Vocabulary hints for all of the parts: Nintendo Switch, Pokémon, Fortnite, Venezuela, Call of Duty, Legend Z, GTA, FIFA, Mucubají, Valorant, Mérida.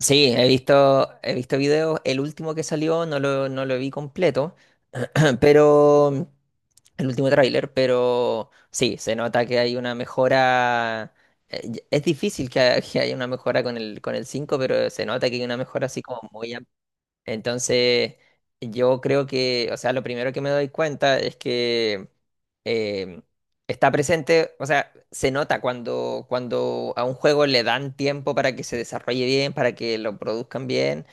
Sí, he visto videos. El último que salió no lo vi completo, pero el último tráiler, pero sí, se nota que hay una mejora. Es difícil que, que haya una mejora con el 5, pero se nota que hay una mejora así como muy amplia. Entonces, yo creo que, o sea, lo primero que me doy cuenta es que eh, está presente, o sea, se nota cuando a un juego le dan tiempo para que se desarrolle bien, para que lo produzcan bien,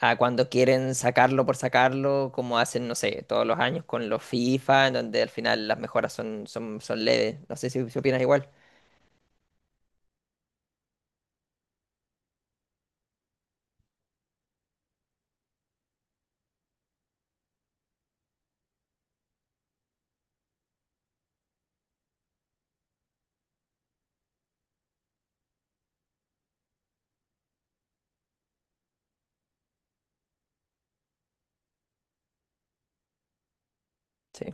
a cuando quieren sacarlo por sacarlo, como hacen, no sé, todos los años con los FIFA, en donde al final las mejoras son leves. No sé si opinas igual. Sí.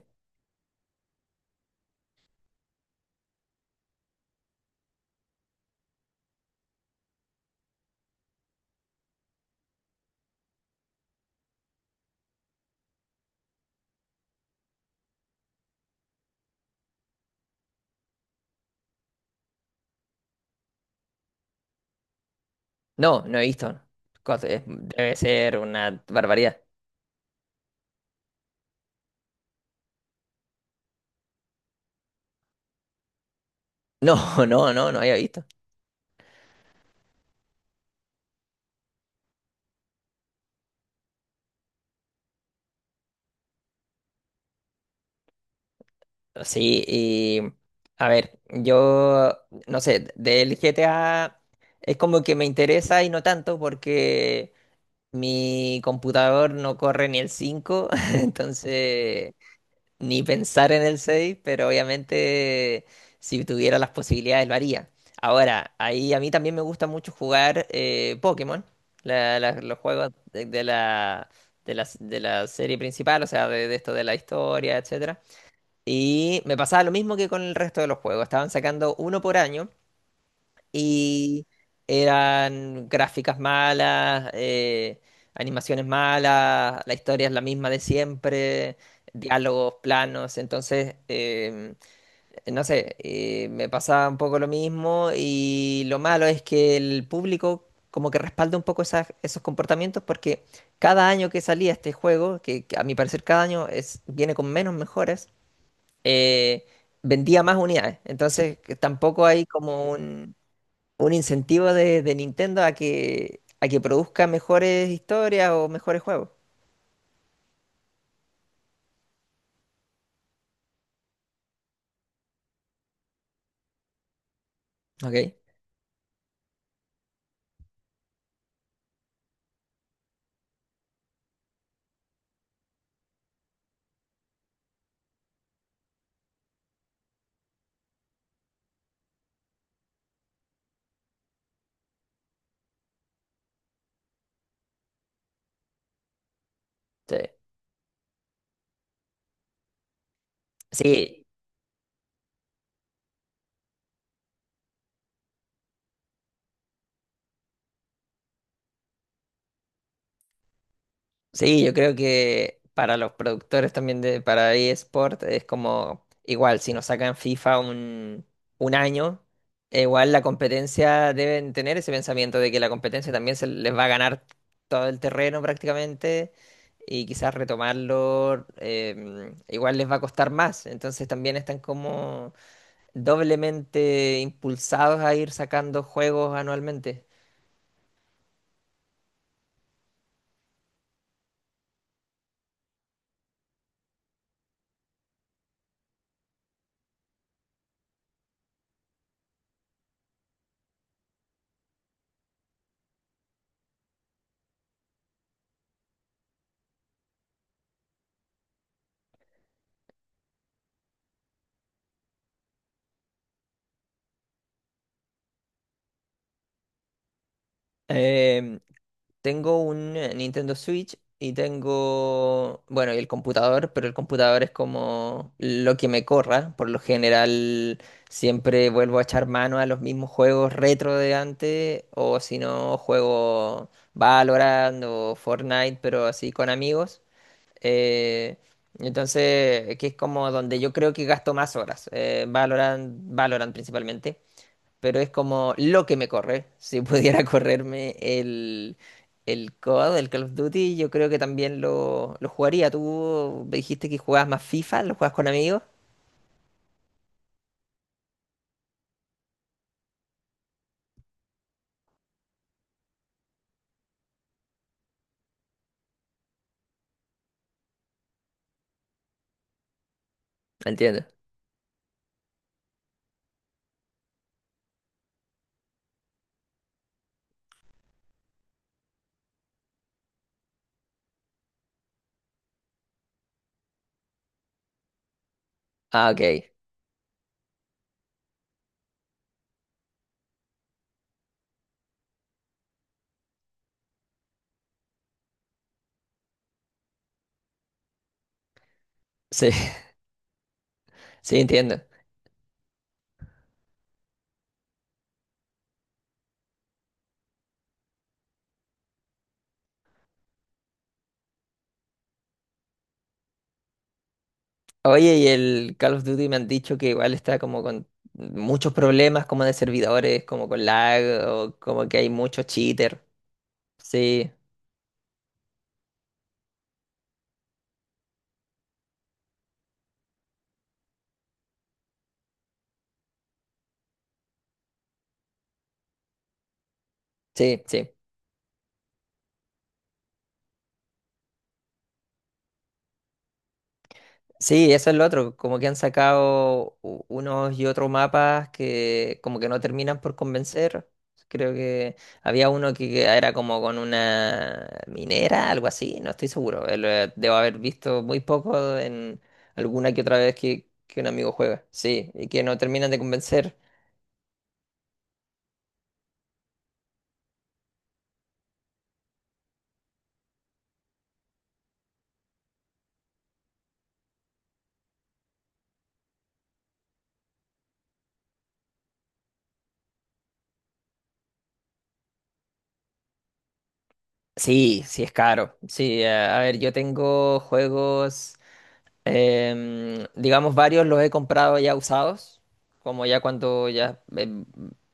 No, no he visto. Debe ser una barbaridad. No, no, no, no había visto. Sí, y a ver, yo no sé, del GTA es como que me interesa y no tanto porque mi computador no corre ni el 5 entonces ni pensar en el seis, pero obviamente si tuviera las posibilidades lo haría. Ahora, ahí a mí también me gusta mucho jugar Pokémon, los juegos de, de la serie principal, o sea, de esto de la historia, etc. Y me pasaba lo mismo que con el resto de los juegos. Estaban sacando uno por año y eran gráficas malas, animaciones malas, la historia es la misma de siempre, diálogos planos. Entonces, no sé, me pasaba un poco lo mismo, y lo malo es que el público como que respalda un poco esos comportamientos porque cada año que salía este juego, que a mi parecer cada año es, viene con menos mejoras, eh, vendía más unidades. Entonces, que tampoco hay como un incentivo de Nintendo a que produzca mejores historias o mejores juegos. Ok. Sí. Sí, Sí, yo creo que para los productores también de para eSport es como igual, si nos sacan un año, igual la competencia deben tener ese pensamiento de que la competencia también se les va a ganar todo el terreno prácticamente, y quizás retomarlo igual les va a costar más. Entonces también están como doblemente impulsados a ir sacando juegos anualmente. Em, Tengo un Nintendo Switch y tengo, bueno, y el computador, pero el computador es como lo que me corra. Por lo general, siempre vuelvo a echar mano a los mismos juegos retro de antes, o si no, juego Valorant o Fortnite, pero así con amigos. Eh, entonces, que es como donde yo creo que gasto más horas. Valorant principalmente, pero es como lo que me corre. Si pudiera correrme el COD, el Call of Duty, yo creo que también lo jugaría. Tú me dijiste que jugabas más FIFA, lo juegas con amigos. Entiendo. Ah, ok. Sí, sí, entiendo. Oye, y el Call of Duty me han dicho que igual está como con muchos problemas como de servidores, como con lag, o como que hay muchos cheaters. Sí, sí, sí. Sí, eso es lo otro, como que han sacado unos y otros mapas que como que no terminan por convencer. Creo que había uno que era como con una minera, algo así, no estoy seguro. Debo haber visto muy poco en alguna que otra vez que un amigo juega. Sí, y que no terminan de convencer. Sí, sí es caro. Sí, a ver, yo tengo juegos. Digamos, varios los he comprado ya usados, como ya cuando ya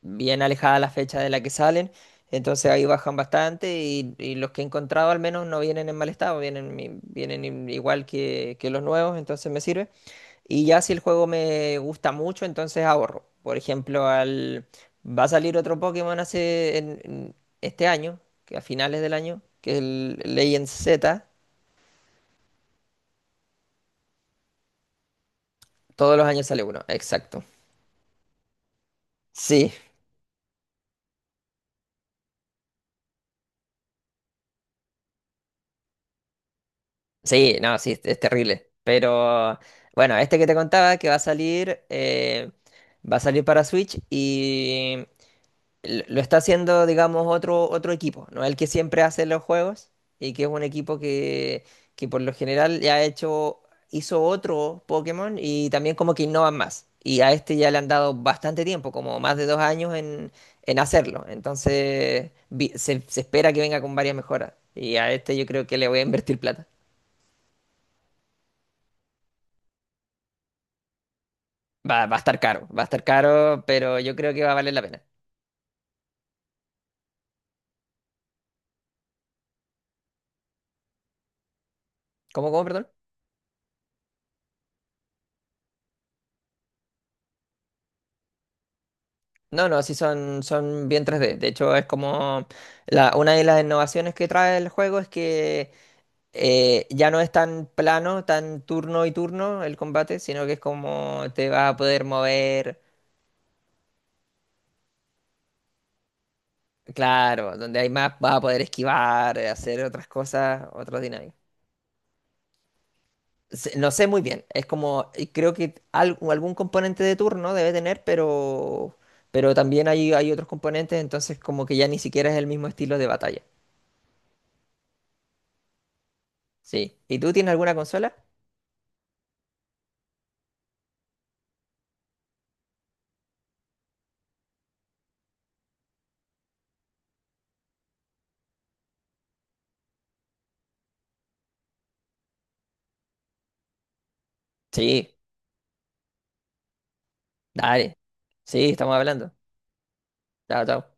bien alejada la fecha de la que salen, entonces ahí bajan bastante, y los que he encontrado al menos no vienen en mal estado, vienen, igual que los nuevos, entonces me sirve. Y ya si el juego me gusta mucho, entonces ahorro. Por ejemplo, va a salir otro Pokémon en este año, que a finales del año, que es el Legend Z, todos los años sale uno, exacto. Sí, Sí, no, sí, es terrible. Pero bueno, este que te contaba que va a salir para Switch, y lo está haciendo, digamos, otro equipo, ¿no? El que siempre hace los juegos, y que es un equipo que por lo general ya ha hecho, hizo otro Pokémon, y también como que innovan más. Y a este ya le han dado bastante tiempo, como más de dos años en hacerlo. Entonces se espera que venga con varias mejoras. Y a este yo creo que le voy a invertir plata. Va a estar caro, va a estar caro, pero yo creo que va a valer la pena. ¿Cómo, cómo, perdón? No, no, sí son, son bien tres d. De hecho, es como la, una de las innovaciones que trae el juego es que ya no es tan plano, tan turno y turno el combate, sino que es como te vas a poder mover, claro, donde hay más vas a poder esquivar, hacer otras cosas, otras dinámicas. No sé muy bien, es como, y creo que algún componente de turno debe tener, pero también hay otros componentes, entonces como que ya ni siquiera es el mismo estilo de batalla. Sí. ¿Y tú tienes alguna consola? Sí, dale. Sí, estamos hablando. Chao, chao.